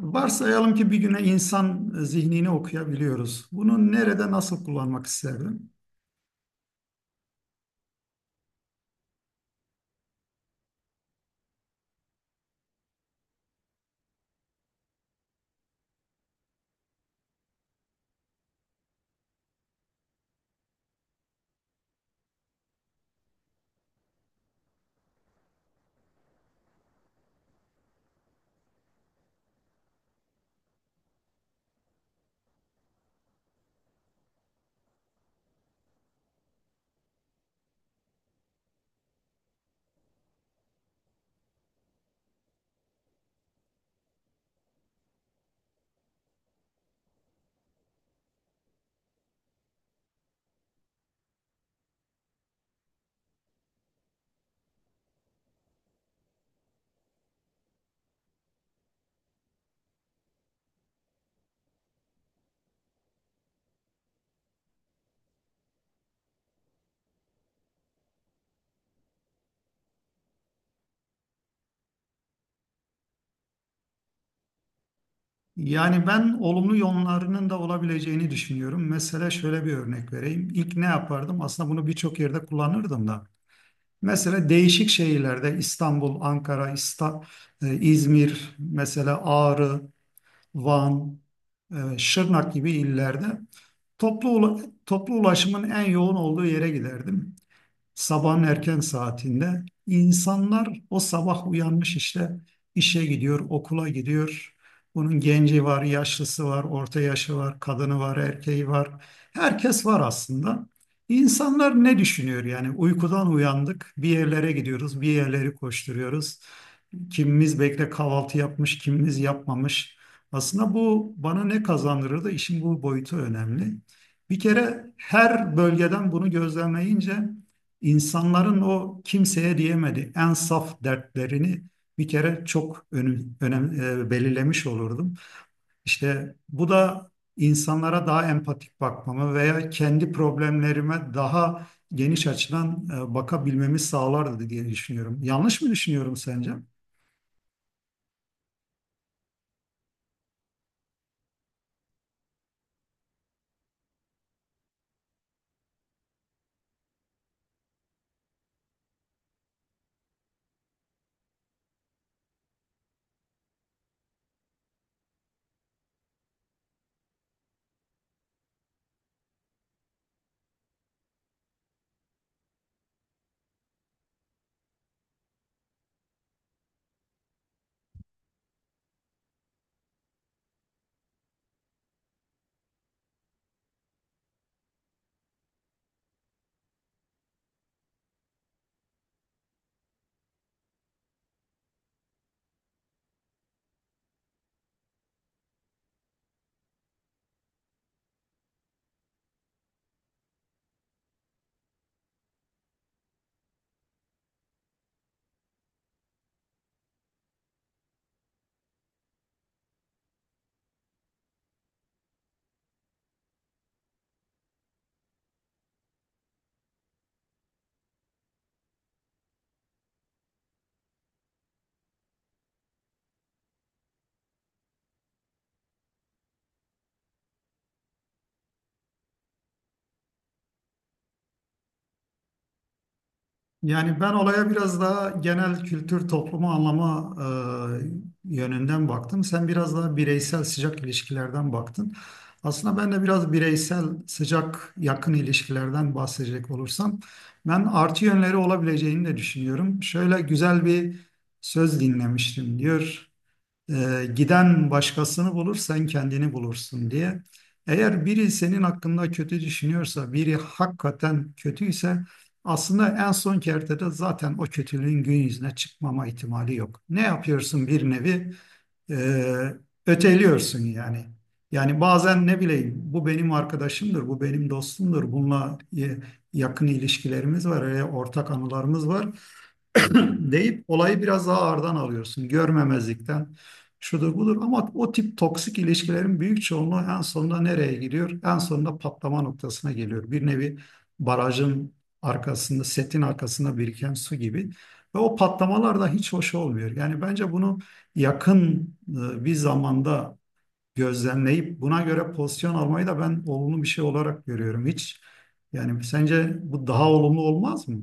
Varsayalım ki bir güne insan zihnini okuyabiliyoruz. Bunu nerede nasıl kullanmak isterdim? Yani ben olumlu yönlerinin de olabileceğini düşünüyorum. Mesela şöyle bir örnek vereyim. İlk ne yapardım? Aslında bunu birçok yerde kullanırdım da. Mesela değişik şehirlerde İstanbul, Ankara, İsta, İzmir, mesela Ağrı, Van, Şırnak gibi illerde toplu ulaşımın en yoğun olduğu yere giderdim. Sabahın erken saatinde insanlar o sabah uyanmış işte işe gidiyor, okula gidiyor. Bunun genci var, yaşlısı var, orta yaşı var, kadını var, erkeği var. Herkes var aslında. İnsanlar ne düşünüyor yani? Uykudan uyandık, bir yerlere gidiyoruz, bir yerleri koşturuyoruz. Kimimiz bekle kahvaltı yapmış, kimimiz yapmamış. Aslında bu bana ne kazandırır da işin bu boyutu önemli. Bir kere her bölgeden bunu gözlemleyince İnsanların o kimseye diyemedi en saf dertlerini bir kere çok belirlemiş olurdum. İşte bu da insanlara daha empatik bakmamı veya kendi problemlerime daha geniş açıdan bakabilmemi sağlardı diye düşünüyorum. Yanlış mı düşünüyorum sence? Yani ben olaya biraz daha genel kültür, toplumu anlama yönünden baktım. Sen biraz daha bireysel sıcak ilişkilerden baktın. Aslında ben de biraz bireysel sıcak yakın ilişkilerden bahsedecek olursam ben artı yönleri olabileceğini de düşünüyorum. Şöyle güzel bir söz dinlemiştim diyor. Giden başkasını bulur, sen kendini bulursun diye. Eğer biri senin hakkında kötü düşünüyorsa, biri hakikaten kötüyse aslında en son kertede zaten o kötülüğün gün yüzüne çıkmama ihtimali yok. Ne yapıyorsun bir nevi? E, Öteliyorsun yani. Yani bazen ne bileyim bu benim arkadaşımdır, bu benim dostumdur, bununla yakın ilişkilerimiz var, ortak anılarımız var. deyip olayı biraz daha ağırdan alıyorsun. Görmemezlikten şudur budur ama o tip toksik ilişkilerin büyük çoğunluğu en sonunda nereye gidiyor? En sonunda patlama noktasına geliyor. Bir nevi barajın arkasında, setin arkasında biriken su gibi. Ve o patlamalar da hiç hoş olmuyor. Yani bence bunu yakın bir zamanda gözlemleyip buna göre pozisyon almayı da ben olumlu bir şey olarak görüyorum. Hiç yani sence bu daha olumlu olmaz mı?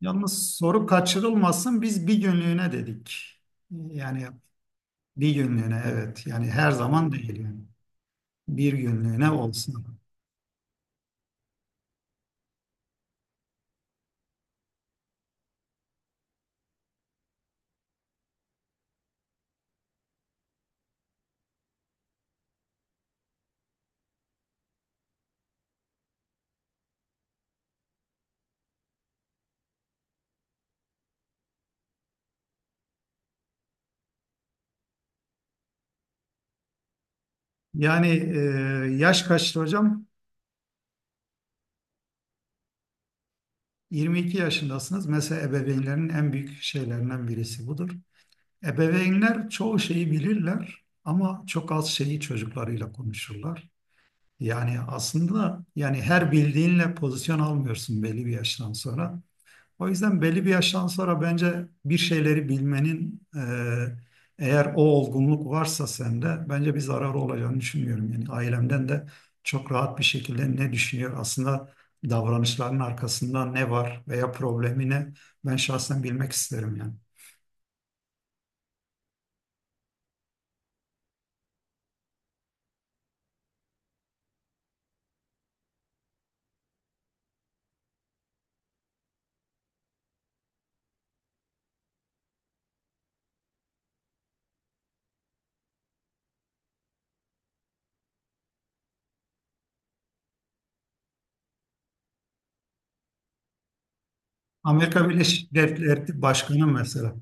Yalnız soru kaçırılmasın biz bir günlüğüne dedik. Yani bir günlüğüne, evet, yani her zaman değil yani. Bir günlüğüne olsun. Yani yaş kaçtı hocam? 22 yaşındasınız. Mesela ebeveynlerin en büyük şeylerinden birisi budur. Ebeveynler çoğu şeyi bilirler ama çok az şeyi çocuklarıyla konuşurlar. Yani aslında yani her bildiğinle pozisyon almıyorsun belli bir yaştan sonra. O yüzden belli bir yaştan sonra bence bir şeyleri bilmenin eğer o olgunluk varsa sende bence bir zararı olacağını düşünmüyorum. Yani ailemden de çok rahat bir şekilde ne düşünüyor aslında davranışların arkasında ne var veya problemi ne ben şahsen bilmek isterim yani. Amerika Birleşik Devletleri Başkanı mesela.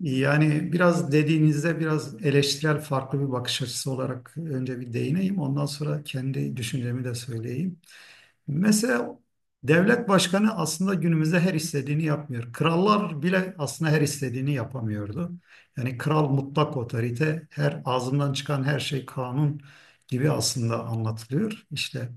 Yani biraz dediğinizde biraz eleştirel farklı bir bakış açısı olarak önce bir değineyim. Ondan sonra kendi düşüncemi de söyleyeyim. Mesela devlet başkanı aslında günümüzde her istediğini yapmıyor. Krallar bile aslında her istediğini yapamıyordu. Yani kral mutlak otorite, her ağzından çıkan her şey kanun gibi aslında anlatılıyor işte.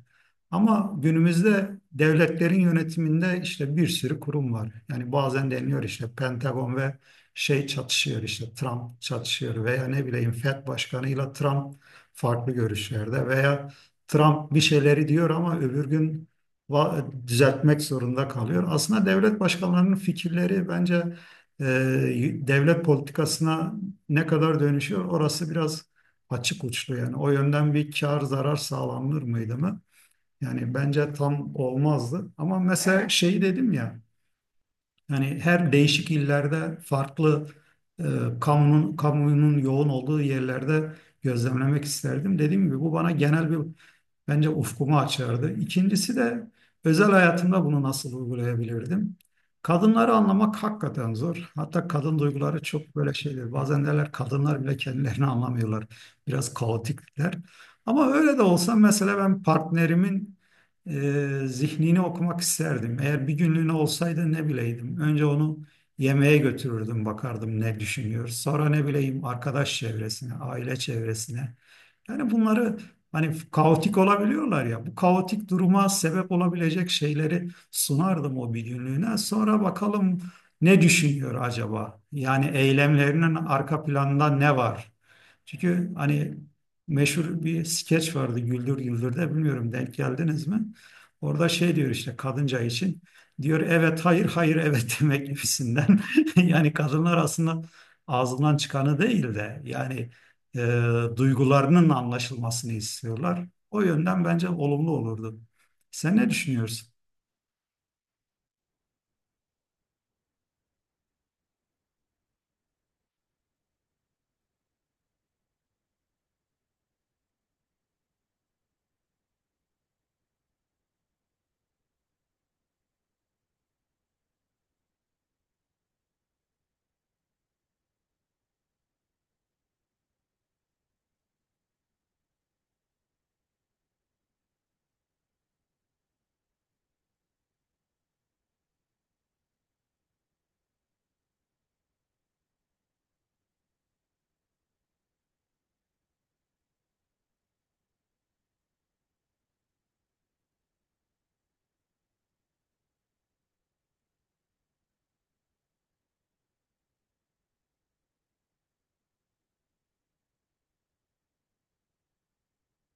Ama günümüzde devletlerin yönetiminde işte bir sürü kurum var. Yani bazen deniyor işte Pentagon ve şey çatışıyor işte Trump çatışıyor veya ne bileyim FED başkanıyla Trump farklı görüşlerde veya Trump bir şeyleri diyor ama öbür gün düzeltmek zorunda kalıyor. Aslında devlet başkanlarının fikirleri bence e, devlet politikasına ne kadar dönüşüyor orası biraz açık uçlu yani. O yönden bir kar zarar sağlanır mıydı mı? Yani bence tam olmazdı. Ama mesela şey dedim ya yani her değişik illerde farklı e, kamunun yoğun olduğu yerlerde gözlemlemek isterdim. Dediğim gibi bu bana genel bir bence ufkumu açardı. İkincisi de özel hayatımda bunu nasıl uygulayabilirdim? Kadınları anlamak hakikaten zor. Hatta kadın duyguları çok böyle şeydir. Bazen derler kadınlar bile kendilerini anlamıyorlar. Biraz kaotikler. Ama öyle de olsa mesela ben partnerimin zihnini okumak isterdim. Eğer bir günlüğüne olsaydı ne bileydim. Önce onu yemeğe götürürdüm, bakardım ne düşünüyor. Sonra ne bileyim arkadaş çevresine, aile çevresine. Yani bunları hani kaotik olabiliyorlar ya. Bu kaotik duruma sebep olabilecek şeyleri sunardım o bir günlüğüne. Sonra bakalım ne düşünüyor acaba? Yani eylemlerinin arka planında ne var? Çünkü hani meşhur bir skeç vardı Güldür Güldür'de, bilmiyorum denk geldiniz mi? Orada şey diyor işte kadınca için diyor evet hayır hayır evet demek gibisinden. Yani kadınlar aslında ağzından çıkanı değil de yani duygularının anlaşılmasını istiyorlar. O yönden bence olumlu olurdu. Sen ne düşünüyorsun?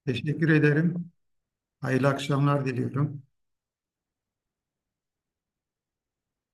Teşekkür ederim. Hayırlı akşamlar diliyorum.